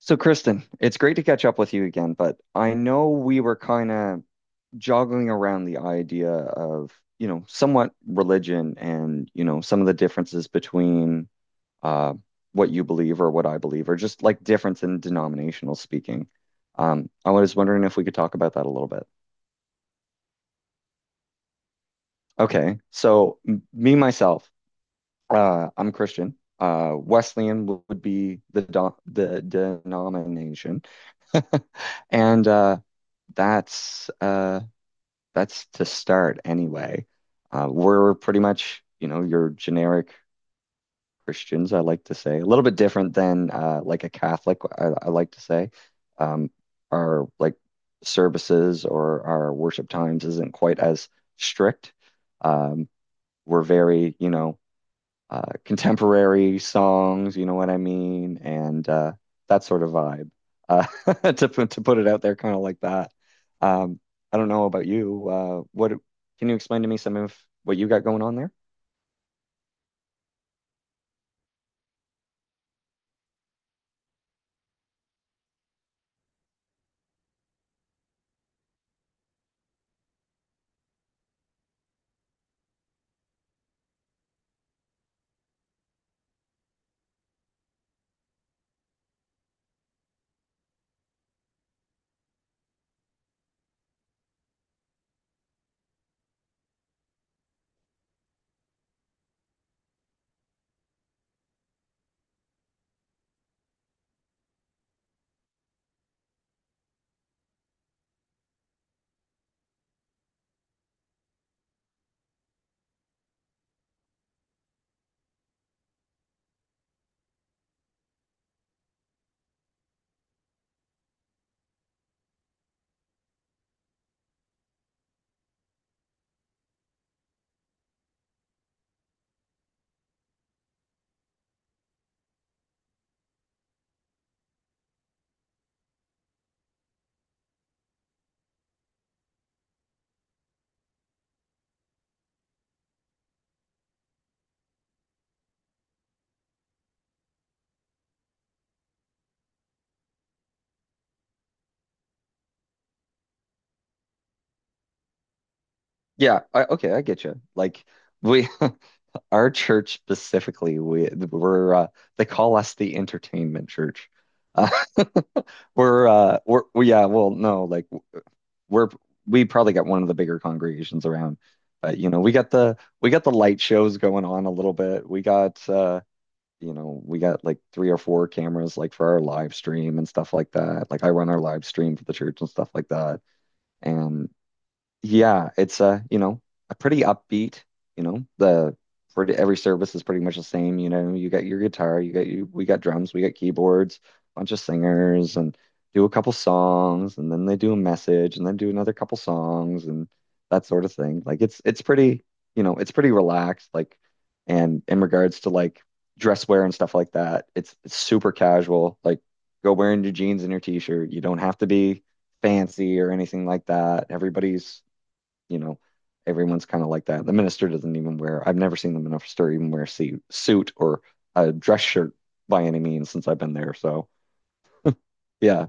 So, Kristen, it's great to catch up with you again, but I know we were kind of joggling around the idea of, you know, somewhat religion and, you know, some of the differences between uh, what you believe or what I believe, or just like difference in denominational speaking. I was wondering if we could talk about that a little bit. Okay, so me myself, I'm Christian. Wesleyan would be the do the denomination, and that's that's to start anyway. We're pretty much, you know, your generic Christians, I like to say, a little bit different than like a Catholic, I like to say. Um, our like services or our worship times isn't quite as strict. Um, we're very, you know, contemporary songs, you know what I mean, and that sort of vibe. Uh, to put it out there, kind of like that. Um, I don't know about you. What can you explain to me some of what you got going on there? Yeah, okay, I get you. Like we, our church specifically, we're they call us the entertainment church. Uh, we're yeah, well, no, like we're we probably got one of the bigger congregations around. But you know, we got the light shows going on a little bit. We got you know, we got like three or four cameras like for our live stream and stuff like that. Like I run our live stream for the church and stuff like that. And yeah, it's a, you know, a pretty upbeat, you know, the for every service is pretty much the same, you know, you got your guitar, you got you we got drums, we got keyboards, bunch of singers and do a couple songs and then they do a message and then do another couple songs and that sort of thing. Like it's pretty, you know, it's pretty relaxed like and in regards to like dress wear and stuff like that, it's super casual. Like go wearing your jeans and your t-shirt. You don't have to be fancy or anything like that. Everybody's you know, everyone's kind of like that. The minister doesn't even wear, I've never seen the minister even wear a suit or a dress shirt by any means since I've been there. So, yeah.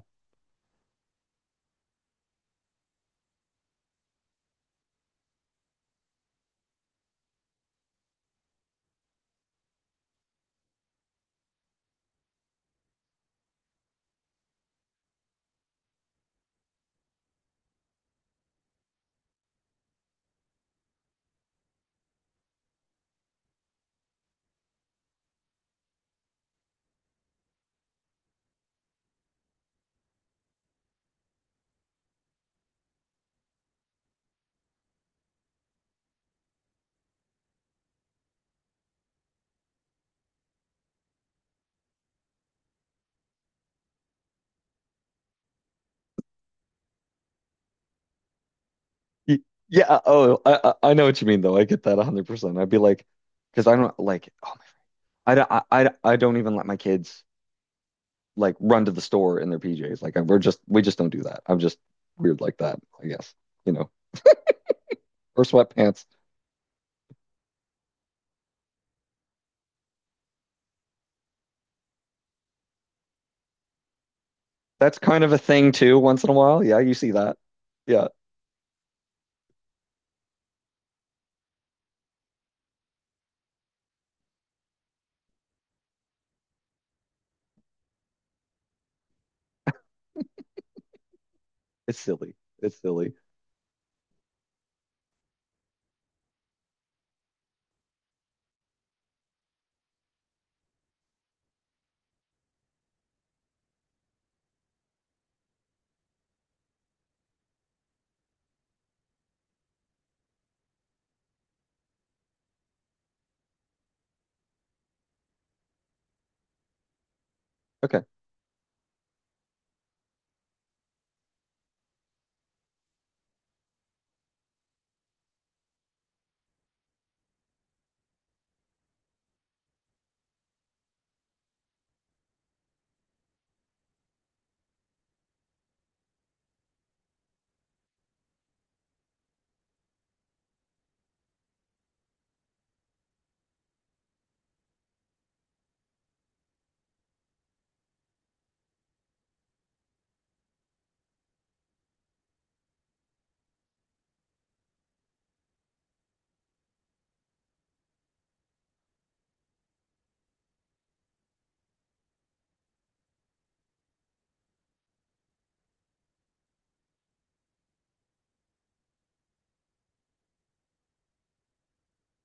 Y- Yeah. Oh, I know what you mean, though. I get that 100%. I'd be like, because I don't like, oh my, I don't, I don't even let my kids like run to the store in their PJs. Like, we just don't do that. I'm just weird like that, I guess, you know, or sweatpants. That's kind of a thing too, once in a while. Yeah, you see that. Yeah, it's silly. It's silly. Okay.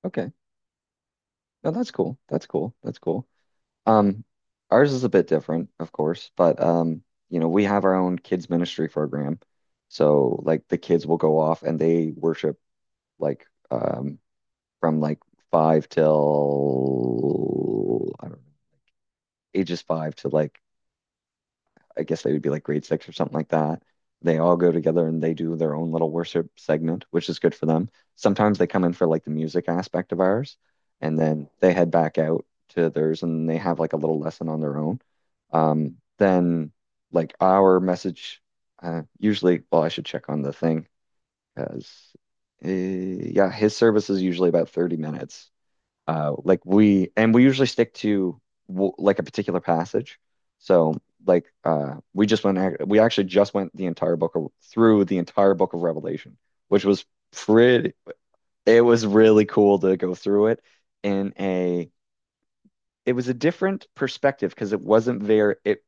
Okay. No, that's cool. That's cool. That's cool. Um, ours is a bit different, of course, but you know, we have our own kids ministry program. So like the kids will go off and they worship like from like five till I don't know, ages five to like I guess they would be like grade six or something like that. They all go together and they do their own little worship segment, which is good for them. Sometimes they come in for like the music aspect of ours, and then they head back out to theirs and they have like a little lesson on their own. Then like our message, usually, well, I should check on the thing because yeah, his service is usually about 30 minutes like we usually stick to w like a particular passage so like we just we actually just went the entire through the entire book of Revelation, which was pretty — it was really cool to go through it in a — it was a different perspective because it wasn't very it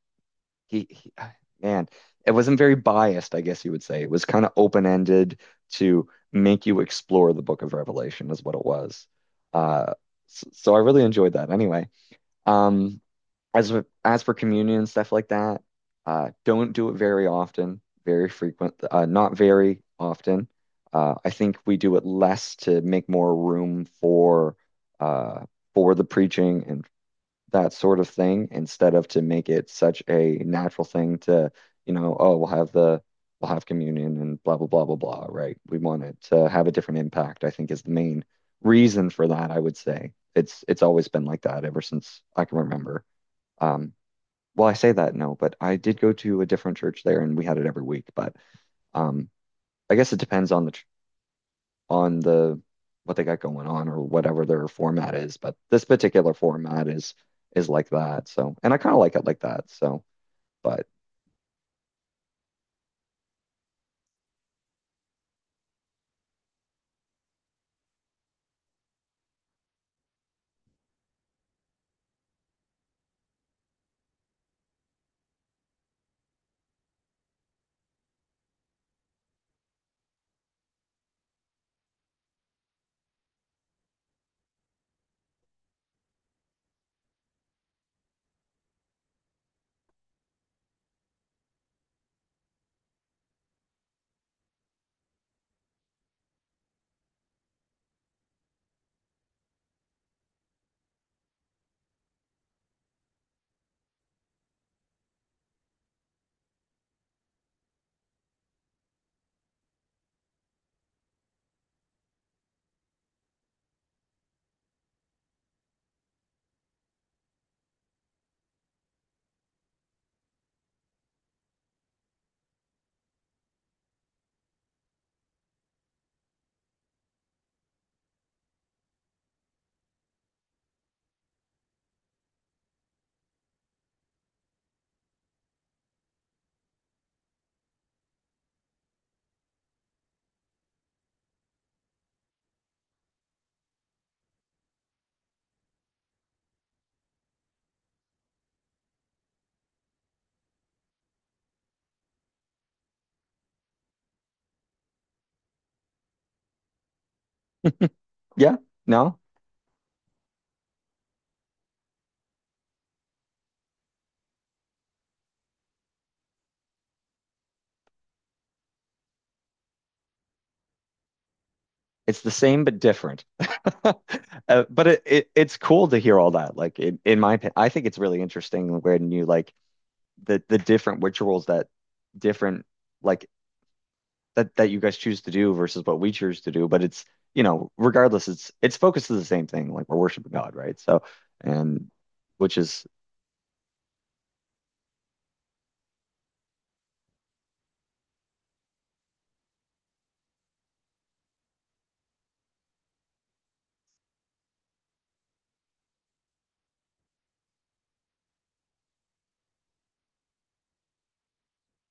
he man it wasn't very biased, I guess you would say. It was kind of open-ended to make you explore the book of Revelation is what it was. uh so, so I really enjoyed that. Anyway, um, as as for communion and stuff like that, don't do it very often, very frequent, not very often. I think we do it less to make more room uh, for the preaching and that sort of thing instead of to make it such a natural thing to, you know, oh, we'll have the we'll have communion and blah blah blah blah blah, right? We want it to have a different impact, I think is the main reason for that, I would say. It's always been like that ever since I can remember. Um, well, I say that no, but I did go to a different church there and we had it every week, but um I guess it depends on the what they got going on or whatever their format is. But this particular format is like that. So, and I kind of like it like that. So, but yeah, no, it's the same but different. But it it's cool to hear all that. Like in my opinion, I think it's really interesting when you like the different rituals that different like that you guys choose to do versus what we choose to do. But it's you know, regardless, it's focused to the same thing. Like we're worshiping God, right? So, and which is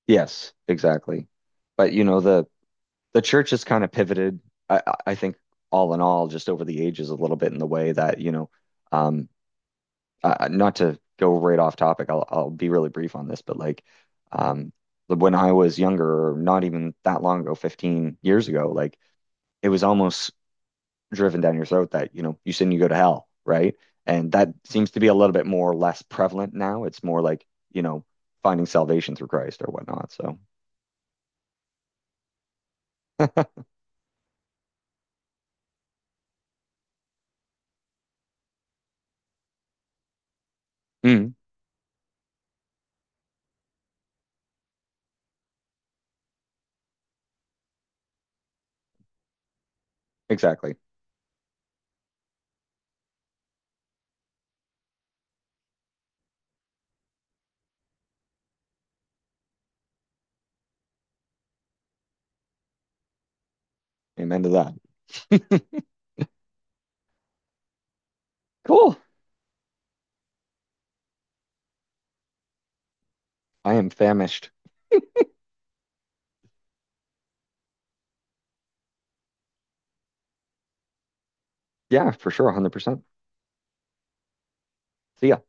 yes, exactly. But you know, the church has kind of pivoted, I think all in all, just over the ages a little bit in the way that, you know, um not to go right off topic, I'll be really brief on this, but like um when I was younger, or not even that long ago, 15 years ago, like it was almost driven down your throat that, you know, you sin, you go to hell, right? And that seems to be a little bit more or less prevalent now. It's more like, you know, finding salvation through Christ or whatnot. So, mm, exactly. Amen to that. Cool. I am famished. Yeah, for sure. 100%. See ya.